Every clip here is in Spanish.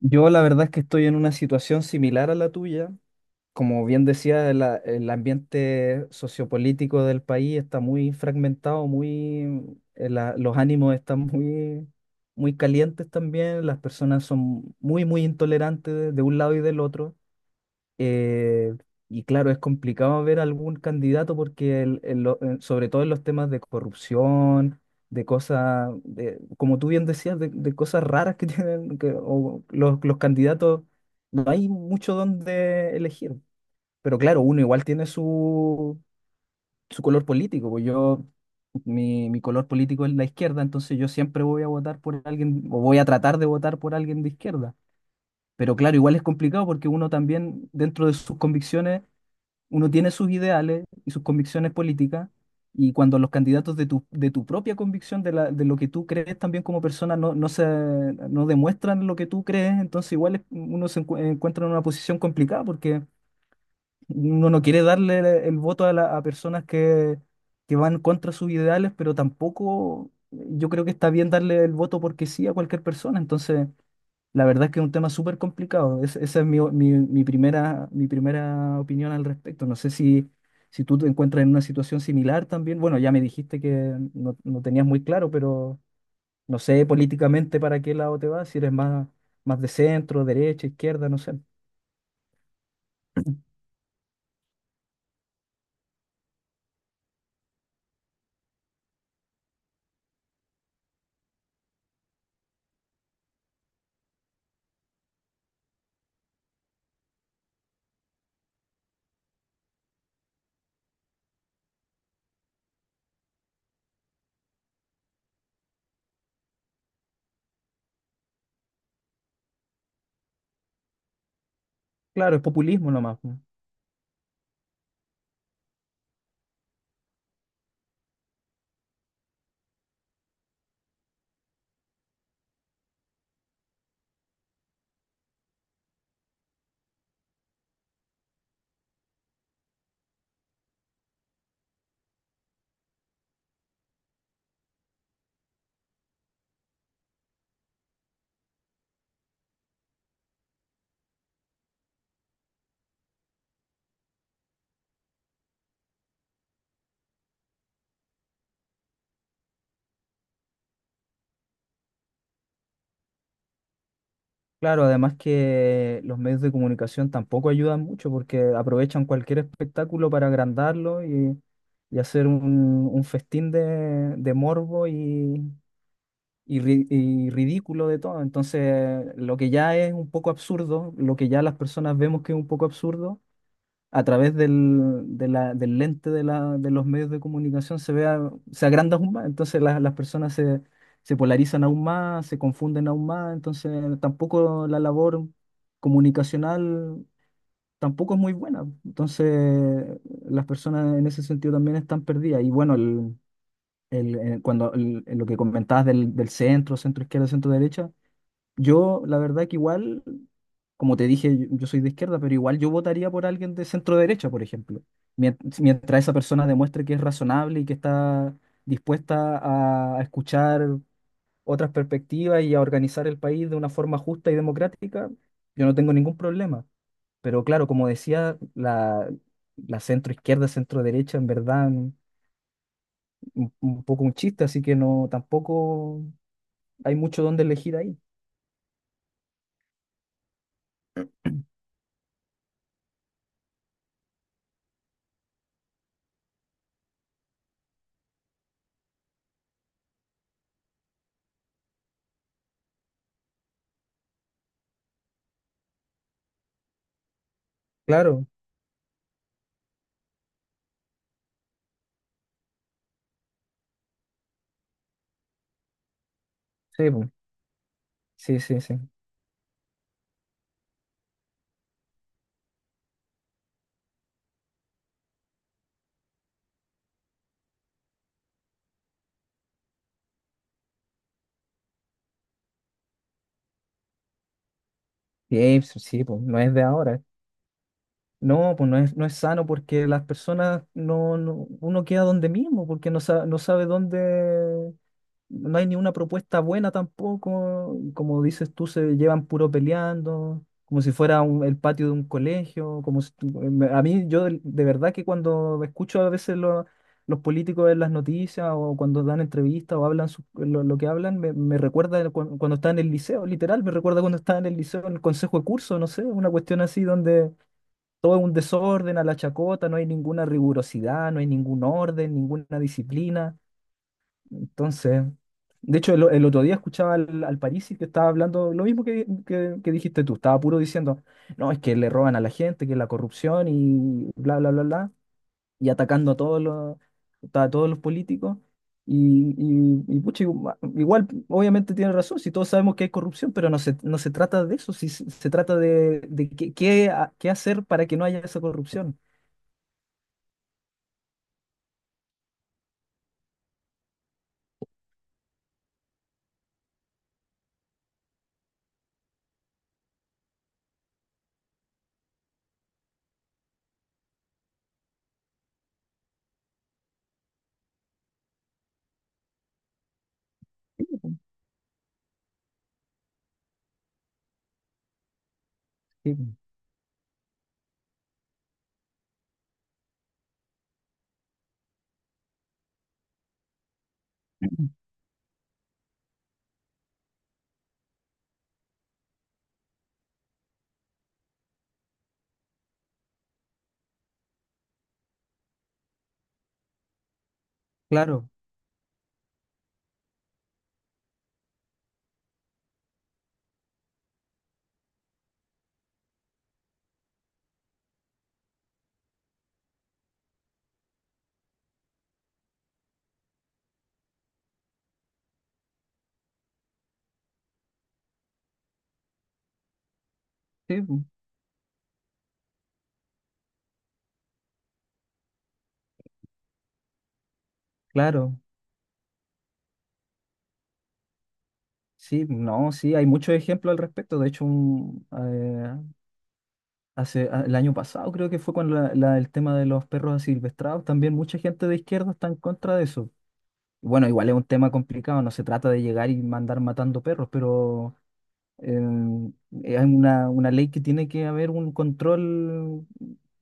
Yo la verdad es que estoy en una situación similar a la tuya. Como bien decía, el ambiente sociopolítico del país está muy fragmentado, muy, los ánimos están muy, muy calientes también, las personas son muy, muy intolerantes de un lado y del otro. Eh, y claro, es complicado ver algún candidato porque sobre todo en los temas de corrupción, como tú bien decías, de cosas raras que tienen que, o los candidatos, no hay mucho donde elegir. Pero claro, uno igual tiene su color político. Pues yo, mi color político es la izquierda, entonces yo siempre voy a votar por alguien, o voy a tratar de votar por alguien de izquierda. Pero claro, igual es complicado porque uno también dentro de sus convicciones uno tiene sus ideales y sus convicciones políticas, y cuando los candidatos de tu propia convicción, de lo que tú crees también como persona, no, no demuestran lo que tú crees, entonces uno se encuentra en una posición complicada porque uno no quiere darle el voto a, a personas que van contra sus ideales, pero tampoco yo creo que está bien darle el voto porque sí a cualquier persona, entonces... La verdad es que es un tema súper complicado. Esa es mi, o- mi- mi primera opinión al respecto. No sé si, si tú te encuentras en una situación similar también. Bueno, ya me dijiste que no, no tenías muy claro, pero no sé políticamente para qué lado te vas, si eres más, más de centro, derecha, izquierda, no sé. Claro, es populismo nomás, po. Claro, además que los medios de comunicación tampoco ayudan mucho porque aprovechan cualquier espectáculo para agrandarlo y hacer un festín de morbo y, y ridículo de todo. Entonces, lo que ya es un poco absurdo, lo que ya las personas vemos que es un poco absurdo, a través del lente de los medios de comunicación se agranda aún más. Entonces, las personas se, se polarizan aún más, se confunden aún más. Entonces, tampoco la labor comunicacional tampoco es muy buena. Entonces, las personas en ese sentido también están perdidas. Y bueno, lo que comentabas del centro, centro izquierda, centro derecha, yo la verdad que igual, como te dije, yo soy de izquierda, pero igual yo votaría por alguien de centro derecha, por ejemplo, mientras, esa persona demuestre que es razonable y que está dispuesta a escuchar otras perspectivas y a organizar el país de una forma justa y democrática, yo no tengo ningún problema. Pero claro, como decía, la centro izquierda, centro derecha, en verdad, un poco un chiste, así que no, tampoco hay mucho donde elegir ahí. Claro, sí, po. Sí, sí, sí. Sí, pues, sí, po, no es de ahora. No, pues no es, no es sano porque las personas no, uno queda donde mismo, porque no sabe, no sabe dónde. No hay ni una propuesta buena tampoco. Y como dices tú, se llevan puro peleando, como si fuera el patio de un colegio. Como si a mí, yo de verdad que cuando escucho a veces los políticos en las noticias o cuando dan entrevistas o hablan lo que hablan, me recuerda de cuando estaba en el liceo, literal, me recuerda cuando estaba en el liceo, en el consejo de curso, no sé, una cuestión así donde todo es un desorden a la chacota, no hay ninguna rigurosidad, no hay ningún orden, ninguna disciplina. Entonces, de hecho, el otro día escuchaba al Parisi que estaba hablando lo mismo que dijiste tú, estaba puro diciendo, no, es que le roban a la gente, que la corrupción y bla, bla, bla, bla, y atacando a todos a todos los políticos. Pucha, igual, obviamente tiene razón, si todos sabemos que hay corrupción, pero no se trata de eso, si se, se trata de, qué hacer para que no haya esa corrupción. Sí, po. Claro, sí, po, claro. Sí, no, sí, hay muchos ejemplos al respecto. De hecho, un, el año pasado creo que fue con el tema de los perros asilvestrados. También mucha gente de izquierda está en contra de eso. Bueno, igual es un tema complicado, no se trata de llegar y mandar matando perros, pero em, hay una ley que tiene que haber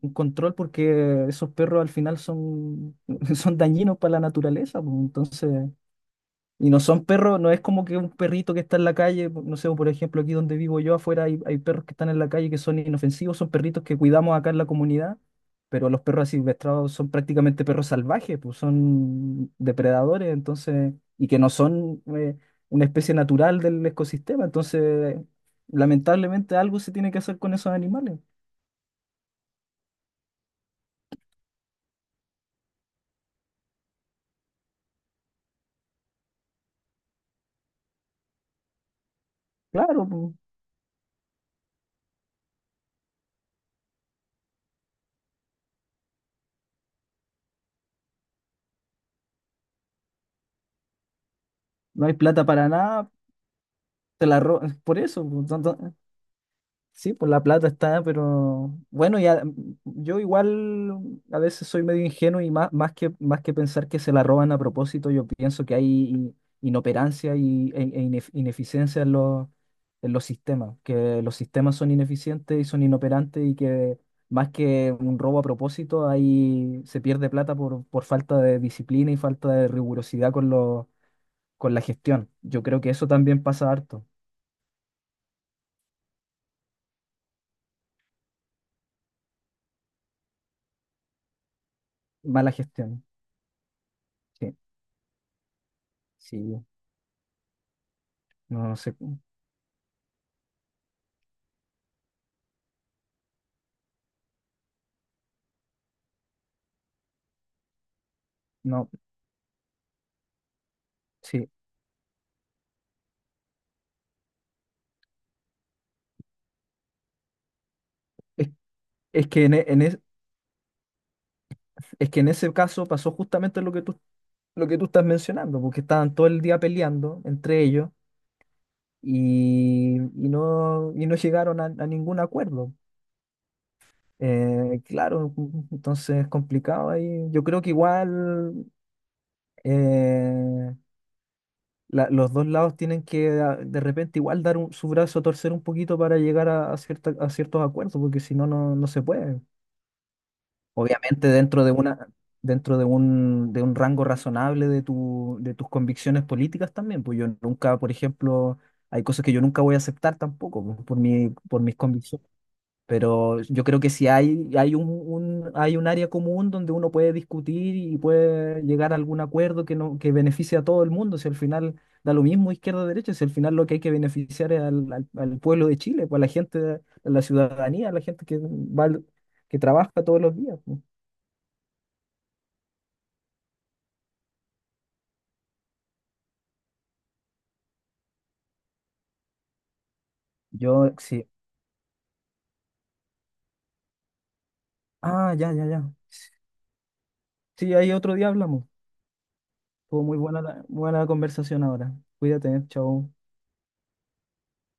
un control porque esos perros al final son, son dañinos para la naturaleza, pues. Entonces. Y no son perros, no es como que un perrito que está en la calle, no sé, por ejemplo, aquí donde vivo yo afuera hay, hay perros que están en la calle que son inofensivos, son perritos que cuidamos acá en la comunidad, pero los perros asilvestrados son prácticamente perros salvajes, pues son depredadores, entonces, y que no son una especie natural del ecosistema, entonces, lamentablemente algo se tiene que hacer con esos animales. Claro, pues, no hay plata para nada, por eso, pues, tanto- Sí, pues la plata está, pero bueno, ya yo igual a veces soy medio ingenuo y más, más que pensar que se la roban a propósito, yo pienso que hay inoperancia ineficiencia en en los sistemas, que los sistemas son ineficientes y son inoperantes y que más que un robo a propósito, ahí se pierde plata por falta de disciplina y falta de rigurosidad con con la gestión. Yo creo que eso también pasa harto, mala gestión. Sí, sí, no, no sé. No, sí. Es, es que en, e- en es, es que en ese caso pasó justamente lo que tú estás mencionando, porque estaban todo el día peleando entre ellos y no llegaron a ningún acuerdo. Claro, entonces es complicado ahí. Yo creo que igual eh, los dos lados tienen que de repente igual dar su brazo a torcer un poquito para llegar a a ciertos acuerdos, porque si no, no, no se puede. Obviamente dentro de una, dentro de de un rango razonable de tus convicciones políticas también, pues yo nunca, por ejemplo, hay cosas que yo nunca voy a aceptar tampoco, pues, por mis convicciones. Pero yo creo que si hay hay un área común donde uno puede discutir y puede llegar a algún acuerdo que no, que beneficie a todo el mundo, si al final da lo mismo izquierda o derecha, si al final lo que hay que beneficiar es al pueblo de Chile, pues a la gente, a la ciudadanía, a la gente que va, que trabaja todos los días, pues. Yo, sí. Ah, ya, ya, ya. Sí, ahí otro día hablamos. Fue muy buena buena la conversación ahora. Cuídate, chao.